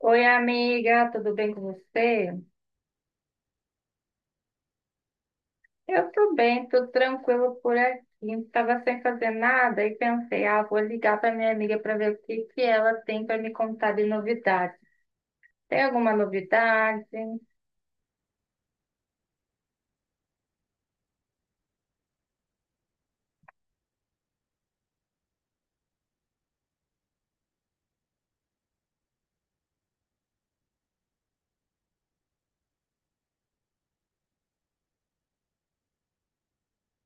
Oi, amiga, tudo bem com você? Eu tô bem, tô tranquilo por aqui. Tava sem fazer nada e pensei, ah, vou ligar para minha amiga para ver o que ela tem para me contar de novidade. Tem alguma novidade?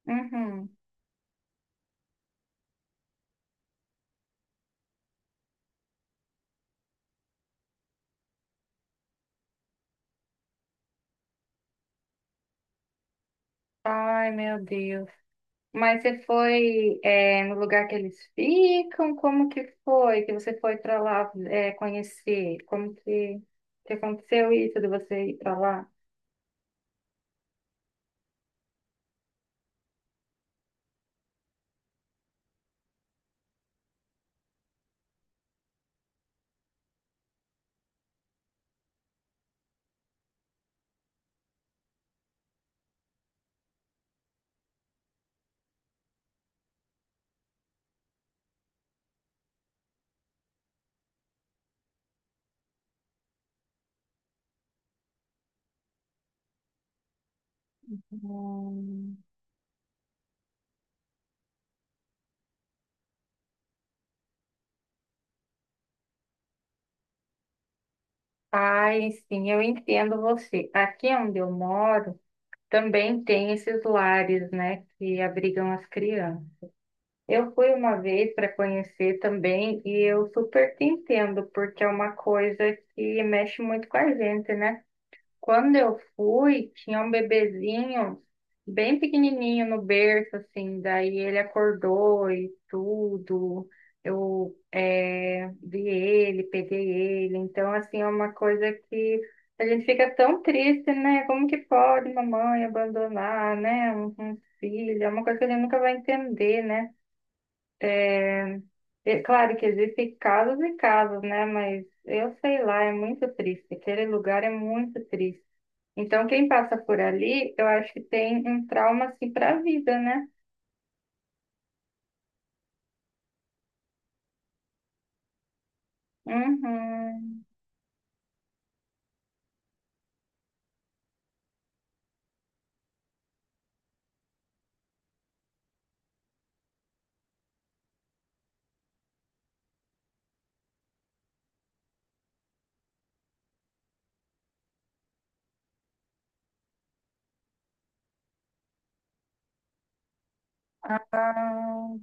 Uhum. Ai, meu Deus. Mas você foi, é, no lugar que eles ficam? Como que foi que você foi para lá, é, conhecer? Como que aconteceu isso de você ir para lá? Hum. Ai, sim, eu entendo você. Aqui onde eu moro, também tem esses lares, né, que abrigam as crianças. Eu fui uma vez para conhecer também e eu super te entendo, porque é uma coisa que mexe muito com a gente, né? Quando eu fui, tinha um bebezinho bem pequenininho no berço, assim. Daí ele acordou e tudo. Eu vi ele, peguei ele. Então, assim, é uma coisa que a gente fica tão triste, né? Como que pode mamãe abandonar, né? Um filho? É uma coisa que a gente nunca vai entender, né? É claro que existem casos e casos, né? Mas eu sei lá, é muito triste. Aquele lugar é muito triste. Então, quem passa por ali, eu acho que tem um trauma assim para a vida, né? Uhum. Ah,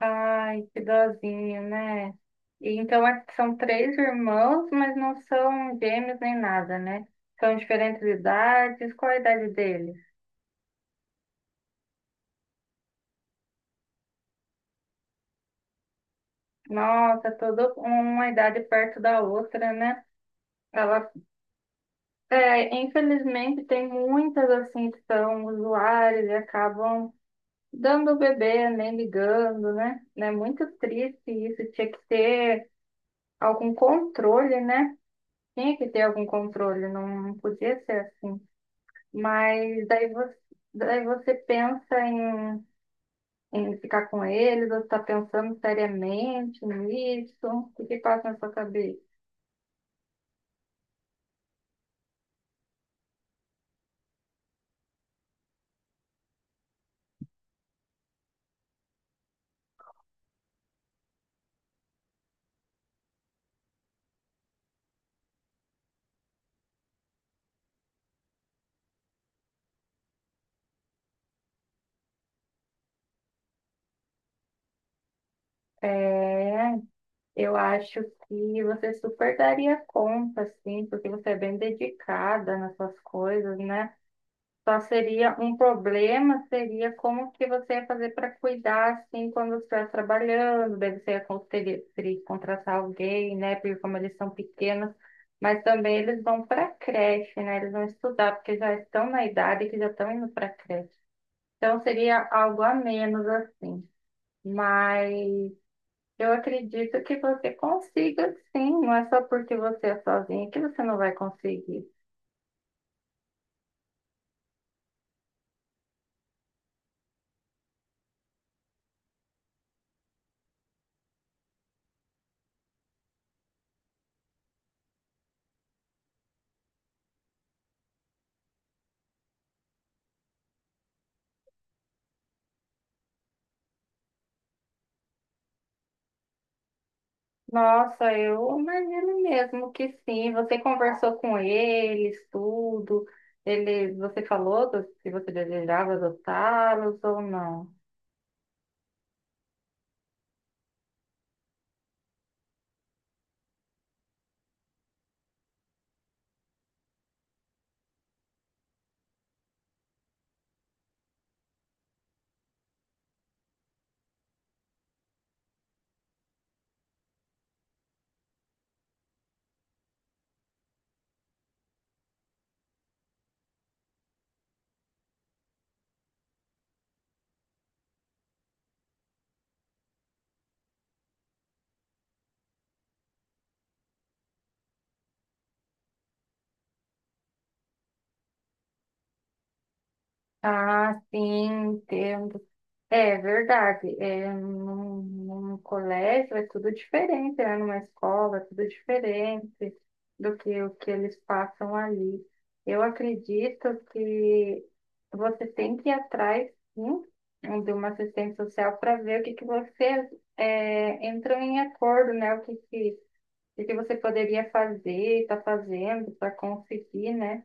ai, que dozinho, né? E então são três irmãos, mas não são gêmeos nem nada, né? São diferentes idades. Qual a idade deles? Nossa, toda uma idade perto da outra, né? Ela é, infelizmente tem muitas assim que são usuárias e acabam dando o bebê, nem ligando, né? É muito triste isso, tinha que ter algum controle, né? Tinha que ter algum controle, não podia ser assim. Mas daí você, daí você pensa em, em ficar com eles, você está pensando seriamente nisso, o que passa na sua cabeça? É, eu acho que você super daria conta, assim, porque você é bem dedicada nas suas coisas, né? Só seria um problema, seria como que você ia fazer para cuidar, assim, quando você estiver trabalhando, daí você ia teria que contratar alguém, né? Porque como eles são pequenos, mas também eles vão para creche, né? Eles vão estudar, porque já estão na idade que já estão indo para creche. Então seria algo a menos, assim. Mas eu acredito que você consiga, sim. Não é só porque você é sozinha que você não vai conseguir. Nossa, eu imagino mesmo que sim. Você conversou com eles, tudo. Eles, você falou se você desejava adotá-los ou não. Ah, sim, é verdade. É, num colégio é tudo diferente, né? Numa escola é tudo diferente do que o que eles passam ali. Eu acredito que você tem que ir atrás, sim, de uma assistente social para ver o que você é, entrou em acordo, né? O que que você poderia fazer, está fazendo para conseguir, né?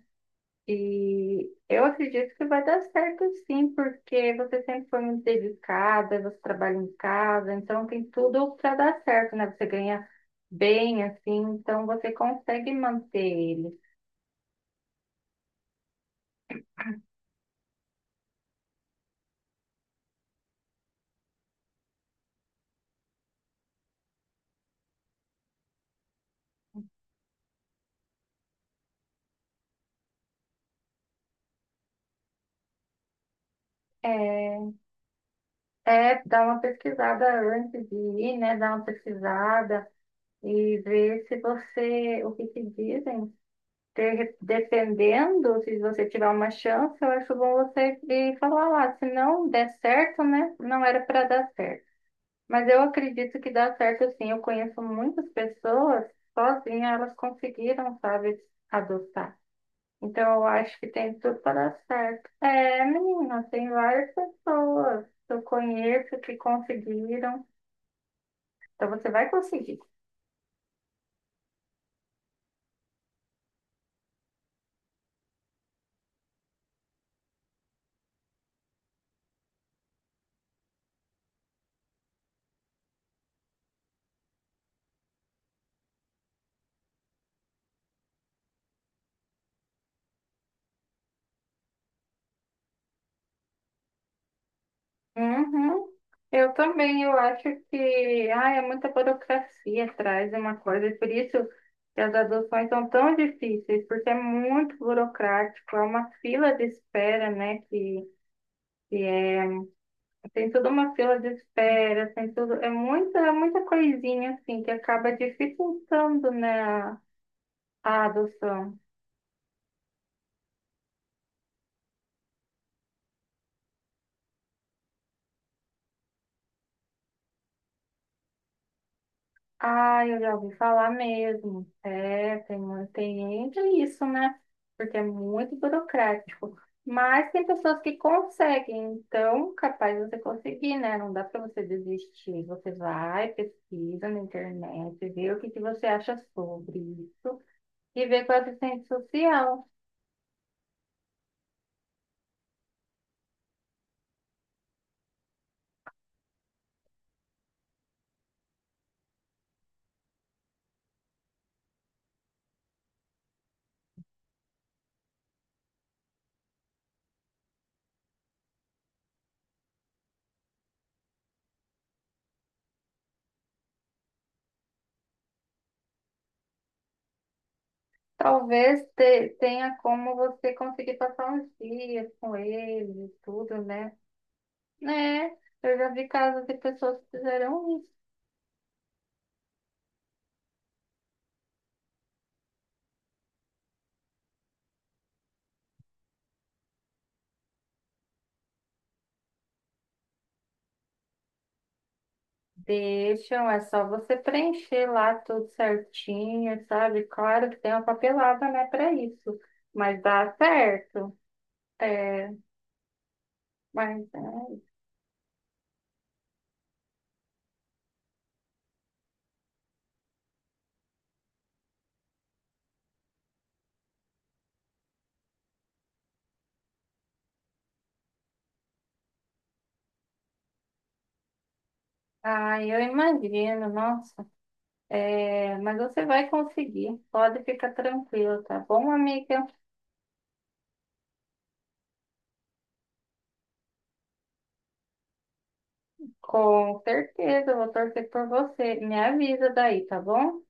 E eu acredito que vai dar certo sim, porque você sempre foi muito dedicada, você trabalha em casa, então tem tudo para dar certo, né? Você ganha bem, assim, então você consegue manter ele. É, é dar uma pesquisada antes de ir, né? Dar uma pesquisada e ver se você, o que te dizem. Dependendo, se você tiver uma chance, eu acho bom você ir falar lá. Se não der certo, né? Não era para dar certo. Mas eu acredito que dá certo sim. Eu conheço muitas pessoas, sozinha elas conseguiram, sabe, adotar. Então eu acho que tem tudo para dar certo. É, menina, tem várias pessoas que eu conheço que conseguiram. Então você vai conseguir. Uhum. Eu também, eu acho que, ah é muita burocracia atrás de uma coisa, e por isso que as adoções são tão difíceis, porque é muito burocrático, é uma fila de espera, né, que é tem toda uma fila de espera, tem tudo, é muita, muita coisinha assim que acaba dificultando, né, a adoção. Ah, eu já ouvi falar mesmo. É, tem, tem ainda isso, né? Porque é muito burocrático. Mas tem pessoas que conseguem, então capaz de você conseguir, né? Não dá para você desistir. Você vai, pesquisa na internet, vê o que você acha sobre isso e vê com a assistência social. Tenha como você conseguir passar uns dias com ele, e tudo, né? É, eu já vi casos de pessoas que fizeram isso. Deixam, é só você preencher lá tudo certinho, sabe? Claro que tem uma papelada, né, para isso, mas dá certo. É, mas, é. Ah, eu imagino, nossa. É, mas você vai conseguir, pode ficar tranquilo, tá bom, amiga? Com certeza, eu vou torcer por você. Me avisa daí, tá bom?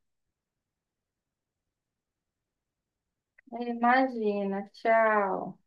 Imagina. Tchau.